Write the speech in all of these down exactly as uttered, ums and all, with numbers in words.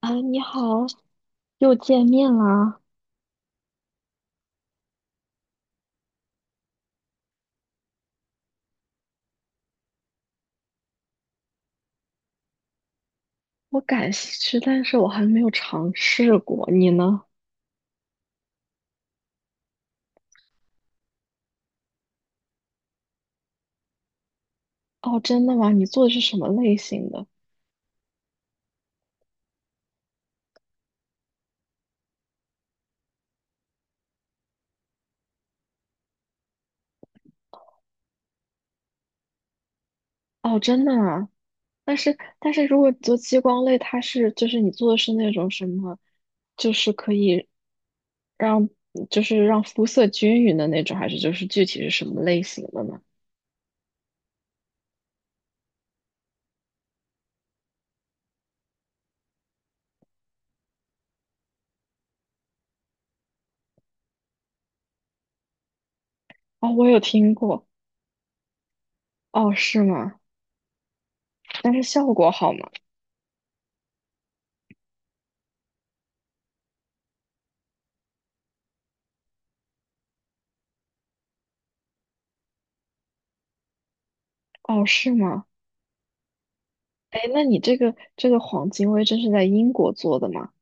啊，你好，又见面啦！我感兴趣，但是我还没有尝试过。你呢？哦，真的吗？你做的是什么类型的？哦，真的吗？但是，但是如果你做激光类，它是就是你做的是那种什么，就是可以让就是让肤色均匀的那种，还是就是具体是什么类型的呢？哦，我有听过。哦，是吗？但是效果好吗？哦，是吗？哎，那你这个这个黄金微针是在英国做的吗？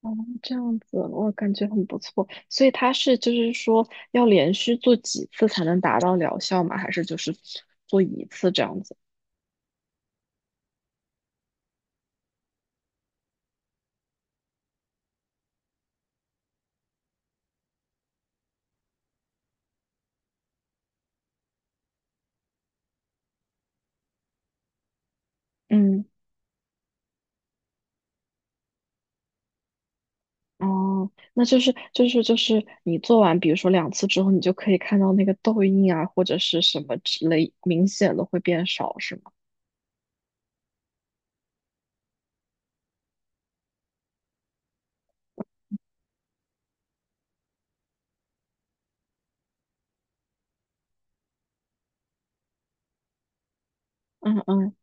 哦，这样子我感觉很不错。所以它是就是说要连续做几次才能达到疗效吗？还是就是做一次这样子？嗯。哦，那就是就是就是你做完，比如说两次之后，你就可以看到那个痘印啊，或者是什么之类明显的会变少，是吗？嗯嗯，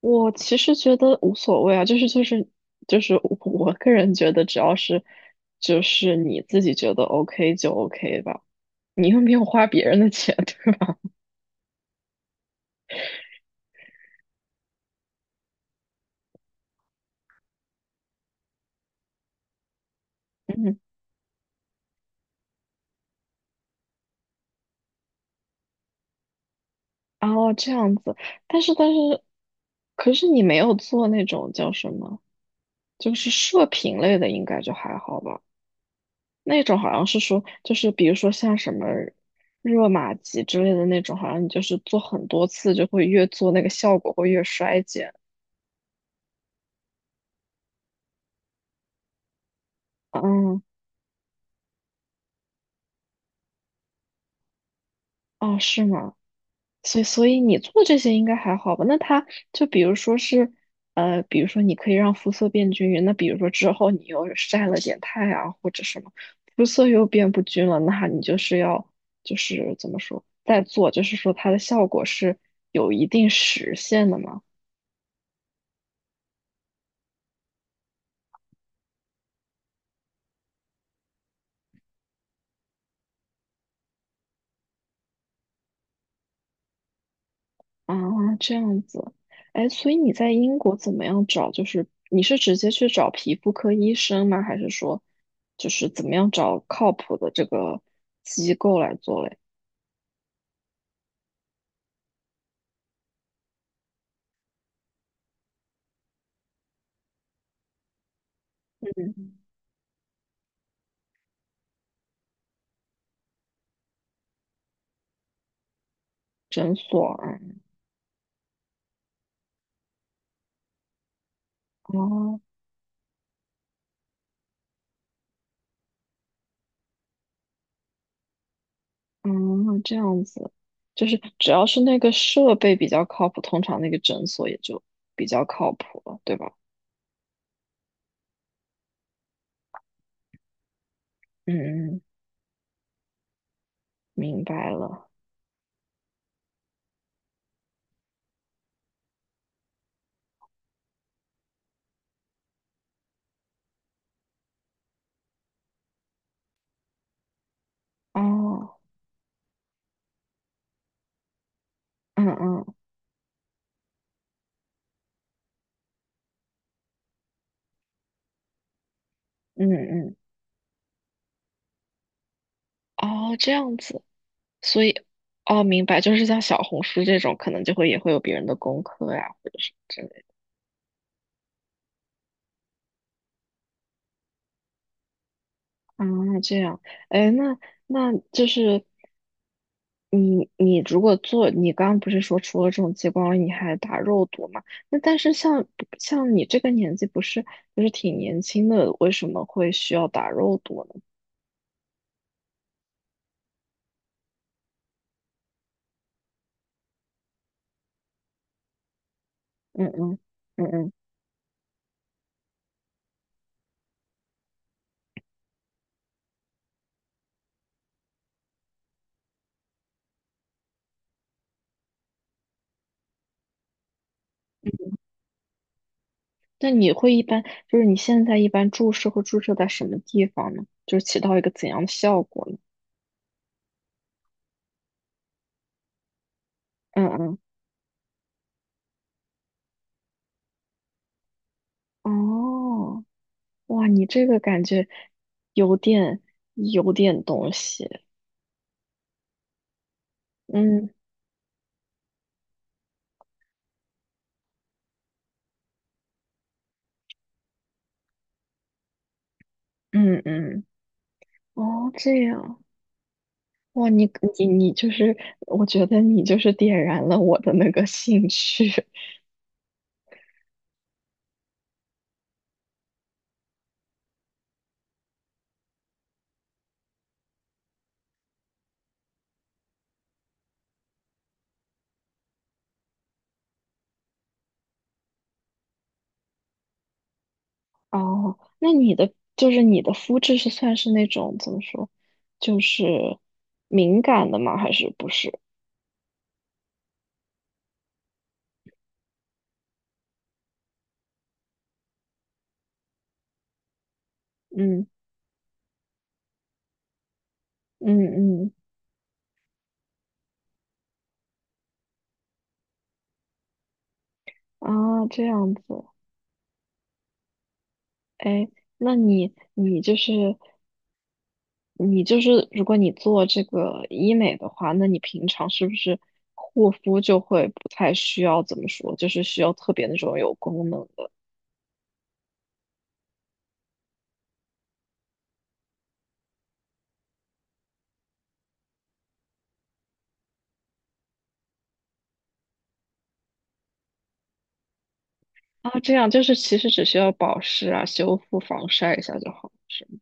我其实觉得无所谓啊，就是就是就是我我个人觉得，只要是就是你自己觉得 OK 就 OK 吧。你又没有花别人的钱，对吧？嗯。哦，这样子，但是但是，可是你没有做那种叫什么，就是射频类的，应该就还好吧？那种好像是说，就是比如说像什么热玛吉之类的那种，好像你就是做很多次就会越做那个效果会越衰减。嗯。哦，是吗？所以，所以，你做这些应该还好吧？那它就比如说是，呃，比如说你可以让肤色变均匀，那比如说之后你又晒了点太阳或者什么，肤色又变不均了，那你就是要就是怎么说再做，就是说它的效果是有一定时限的嘛？啊，这样子。哎，所以你在英国怎么样找？就是你是直接去找皮肤科医生吗？还是说就是怎么样找靠谱的这个机构来做嘞？诊所啊。哦。嗯，这样子，就是只要是那个设备比较靠谱，通常那个诊所也就比较靠谱了，对吧？嗯嗯，明白了。哦。嗯嗯嗯嗯。哦，这样子，所以，哦，明白，就是像小红书这种，可能就会也会有别人的功课呀，或者是。啊，这样。哎，那那就是你你如果做，你刚刚不是说除了这种激光，你还打肉毒嘛？那但是像像你这个年纪，不是就是挺年轻的，为什么会需要打肉毒呢？嗯嗯嗯嗯。那你会一般就是你现在一般注射会注射在什么地方呢？就是起到一个怎样的效果呢？嗯嗯。哦，哇，你这个感觉有点有点东西。嗯。嗯嗯。哦，这样，哇，你你你就是，我觉得你就是点燃了我的那个兴趣。哦，那你的就是你的肤质是算是那种怎么说，就是敏感的吗？还是不是？嗯嗯嗯。啊，这样子。哎，那你你就是你就是如果你做这个医美的话，那你平常是不是护肤就会不太需要怎么说，就是需要特别那种有功能的？啊？这样就是其实只需要保湿啊、修复、防晒一下就好，是吗？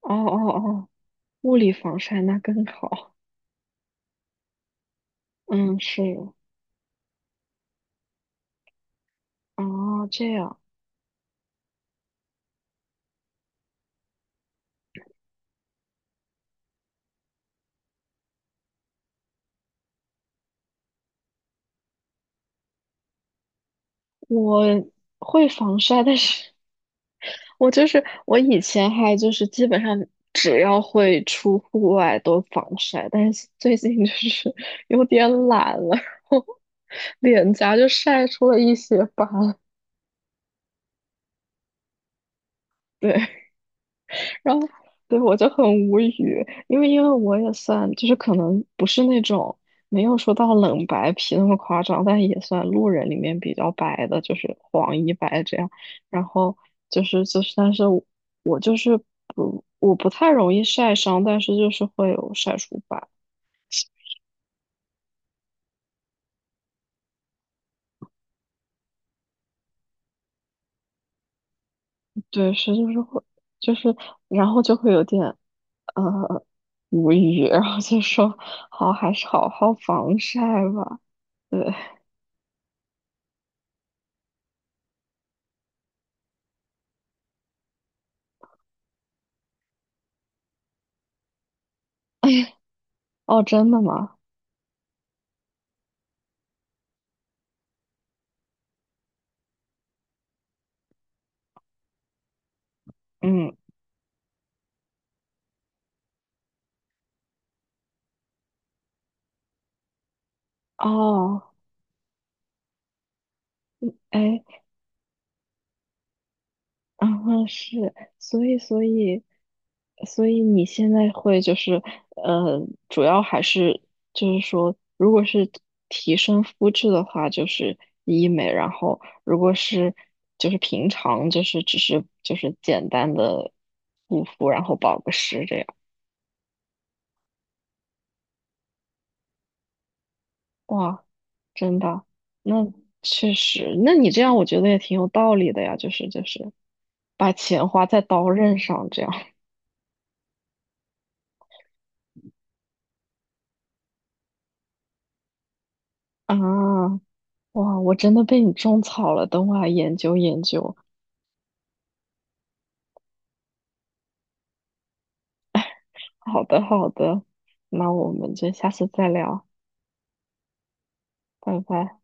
哦哦哦，物理防晒那更好。嗯，是。哦，这样，我会防晒，但是我就是我以前还就是基本上只要会出户外都防晒，但是最近就是 有点懒了，然后脸颊就晒出了一些斑。对，然后对我就很无语，因为因为我也算就是可能不是那种没有说到冷白皮那么夸张，但也算路人里面比较白的，就是黄一白这样。然后就是就是，但是我我就是不我不太容易晒伤，但是就是会有晒出斑。对，是就是会就是然后就会有点呃无语，然后就说好还是好好防晒吧。对。哦，真的吗？嗯。哦。哎，嗯哼，是，所以，所以，所以你现在会就是，呃，主要还是就是说，如果是提升肤质的话，就是医美，然后如果是就是平常就是只是就是简单的护肤，然后保个湿这样。哇，真的，那确实，那你这样我觉得也挺有道理的呀，就是就是把钱花在刀刃上这样。 啊。哇，我真的被你种草了，等我来研究研究。好的，好的，那我们就下次再聊，拜拜。